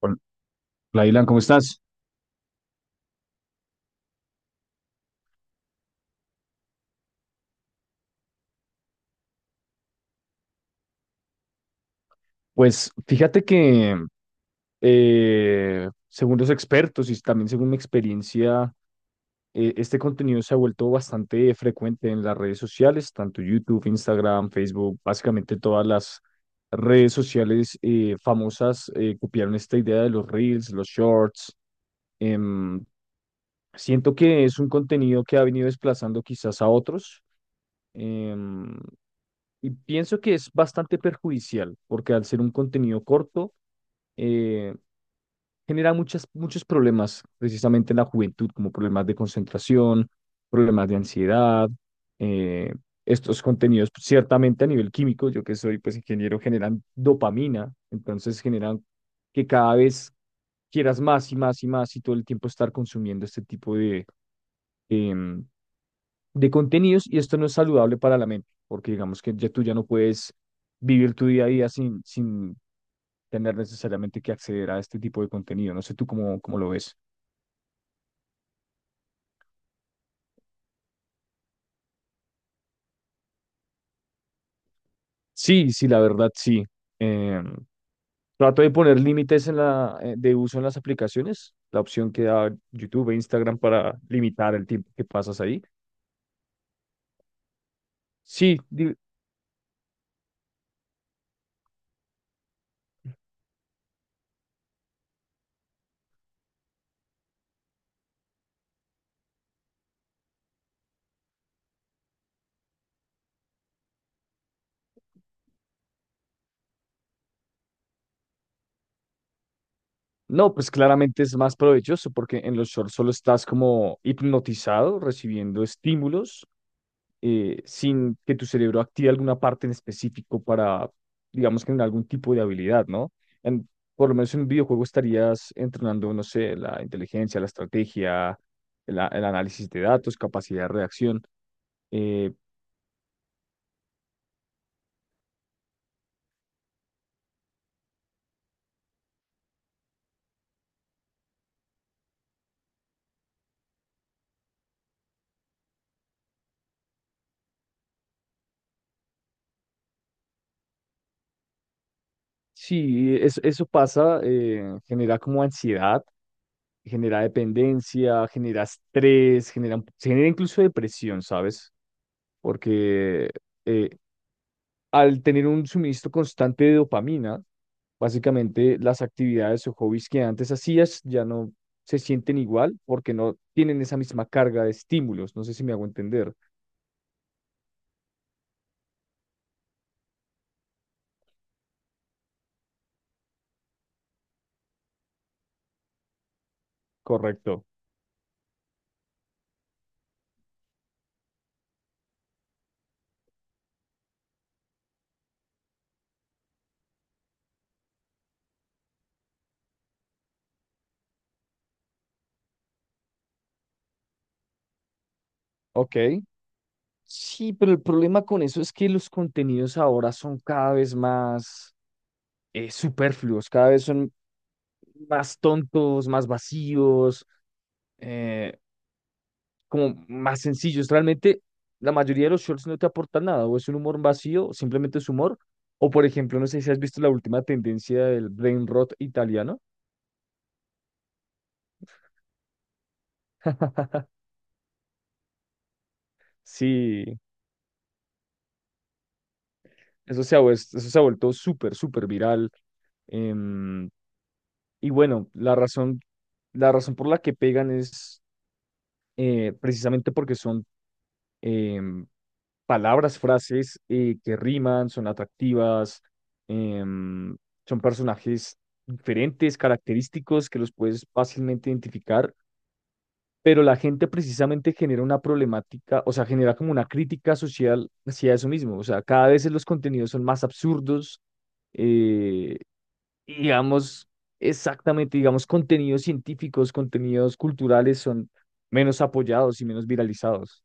Hola, hola, Dylan, ¿cómo estás? Pues fíjate que según los expertos y también según mi experiencia, este contenido se ha vuelto bastante frecuente en las redes sociales, tanto YouTube, Instagram, Facebook, básicamente todas las redes sociales famosas copiaron esta idea de los reels, los shorts. Em, Siento que es un contenido que ha venido desplazando quizás a otros. em, y pienso que es bastante perjudicial, porque al ser un contenido corto, eh, genera muchos problemas precisamente en la juventud, como problemas de concentración, problemas de ansiedad. eh, Estos contenidos pues, ciertamente a nivel químico, yo que soy pues ingeniero, generan dopamina, entonces generan que cada vez quieras más y más y más y todo el tiempo estar consumiendo este tipo em, de contenidos, y esto no es saludable para la mente, porque digamos que ya tú ya no puedes vivir tu día a día sin tener necesariamente que acceder a este tipo de contenido. No sé tú cómo lo ves. Sí, sí, la verdad, sí. Eh, Trato de poner límites en de uso en las aplicaciones, la opción que da YouTube e Instagram para limitar el tiempo que pasas ahí. Sí, no, pues claramente es más provechoso porque en los shorts solo estás como hipnotizado, recibiendo estímulos sin que tu cerebro active alguna parte en específico para, digamos, que en algún tipo de habilidad, ¿no? En, por lo menos en un videojuego estarías entrenando, no sé, la inteligencia, la estrategia, el análisis de datos, capacidad de reacción. Eh, sí, eso pasa, genera como ansiedad, genera dependencia, genera estrés, se genera incluso depresión, ¿sabes? Porque eh, al tener un suministro constante de dopamina, básicamente las actividades o hobbies que antes hacías ya no se sienten igual porque no tienen esa misma carga de estímulos. No sé si me hago entender. Correcto. Ok. Sí, pero el problema con eso es que los contenidos ahora son cada vez más superfluos, cada vez son más tontos, más vacíos. eh, Como más sencillos. Realmente la mayoría de los shorts no te aportan nada, o es un humor vacío, simplemente es humor, o por ejemplo, no sé si has visto la última tendencia del brain rot italiano. Sí, eso se ha vuelto súper, súper viral. em, y bueno, la razón por la que pegan es precisamente porque son, em, palabras, frases que riman, son atractivas, em, son personajes diferentes, característicos que los puedes fácilmente identificar, pero la gente precisamente genera una problemática, o sea, genera como una crítica social hacia eso mismo, o sea, cada vez los contenidos son más absurdos, eh, y digamos, exactamente, digamos, contenidos científicos, contenidos culturales son menos apoyados y menos viralizados.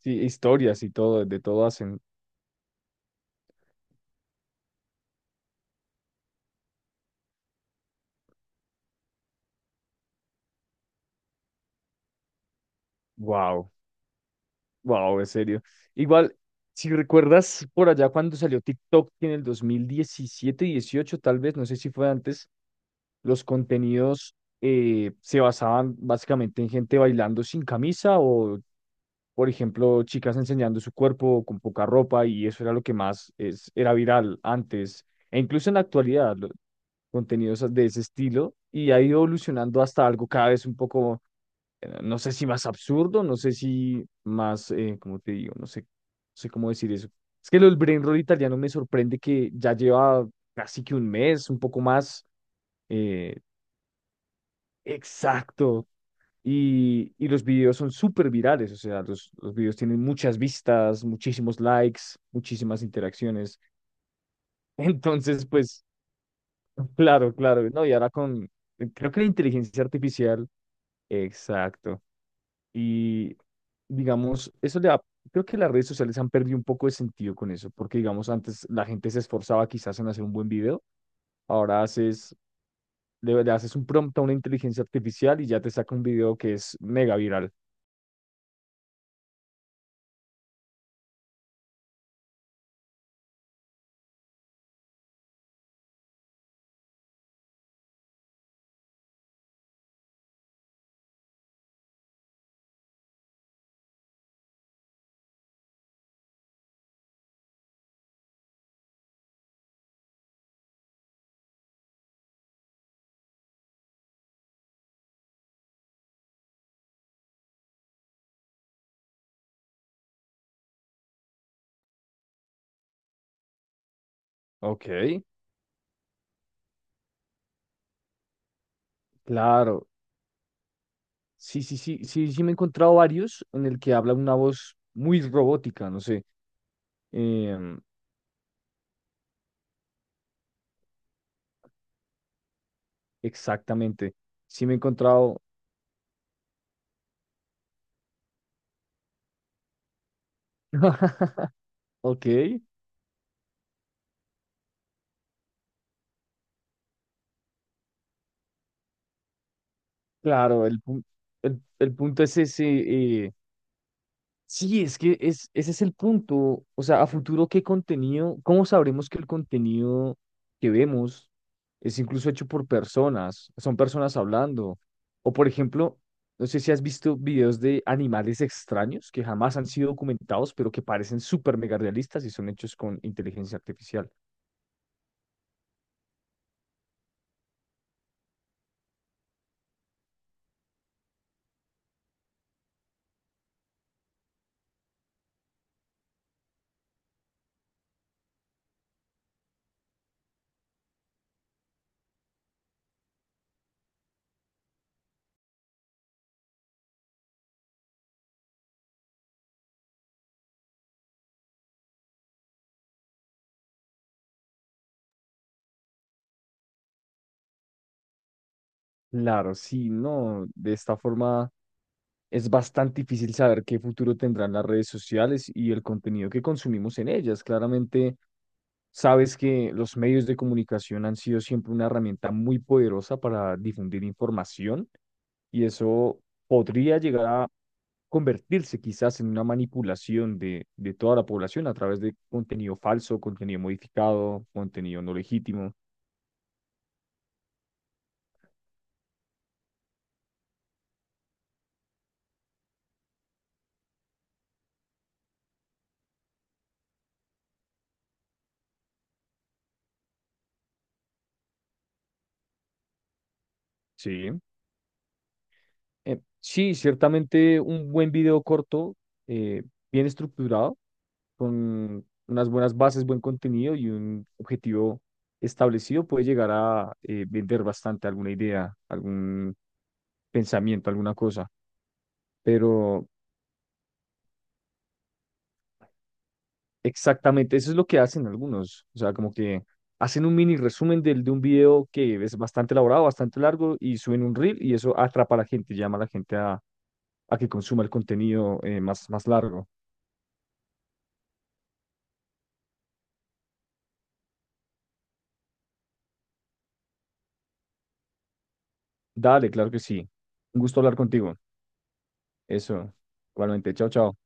Sí, historias y todo, de todo hacen. Wow. Wow, en serio. Igual, si recuerdas por allá cuando salió TikTok en el 2017, 18, tal vez, no sé si fue antes, los contenidos se basaban básicamente en gente bailando sin camisa o, por ejemplo, chicas enseñando su cuerpo con poca ropa y eso era lo que era viral antes e incluso en la actualidad, los contenidos de ese estilo y ha ido evolucionando hasta algo cada vez un poco no sé si más absurdo, no sé si más, ¿cómo te digo? No sé, no sé cómo decir eso. Es que lo del brain roll italiano me sorprende que ya lleva casi que un mes, un poco más, eh, exacto. Y los videos son súper virales, o sea, los videos tienen muchas vistas, muchísimos likes, muchísimas interacciones. Entonces, pues, claro, claro, no, y ahora creo que la inteligencia artificial, exacto. Y digamos, creo que las redes sociales han perdido un poco de sentido con eso, porque digamos, antes la gente se esforzaba quizás en hacer un buen video, ahora haces, le haces un prompt a una inteligencia artificial y ya te saca un video que es mega viral. Ok, claro. Sí, sí, sí, sí, sí me he encontrado varios en el que habla una voz muy robótica, no sé, em, exactamente. Sí me he encontrado, ok, claro, el punto es ese, sí, es que es, ese es el punto. O sea, a futuro, ¿qué contenido? ¿Cómo sabremos que el contenido que vemos es incluso hecho por personas? Son personas hablando. O, por ejemplo, no sé si has visto videos de animales extraños que jamás han sido documentados, pero que parecen súper mega realistas y son hechos con inteligencia artificial. Claro, sí, no. De esta forma es bastante difícil saber qué futuro tendrán las redes sociales y el contenido que consumimos en ellas. Claramente. Sabes que los medios de comunicación han sido siempre una herramienta muy poderosa para difundir información y eso podría llegar a convertirse quizás en una manipulación de toda la población a través de contenido falso, contenido modificado, contenido no legítimo. Sí. Sí, ciertamente un buen video corto, eh, bien estructurado, con unas buenas bases, buen contenido y un objetivo establecido puede llegar a vender bastante alguna idea, algún pensamiento, alguna cosa. Pero exactamente eso es lo que hacen algunos. O sea, como que hacen un mini resumen de un video que es bastante elaborado, bastante largo y suben un reel y eso atrapa a la gente, llama a la gente a que consuma el contenido más largo. Dale, claro que sí. Un gusto hablar contigo. Eso. Igualmente. Chao, chao.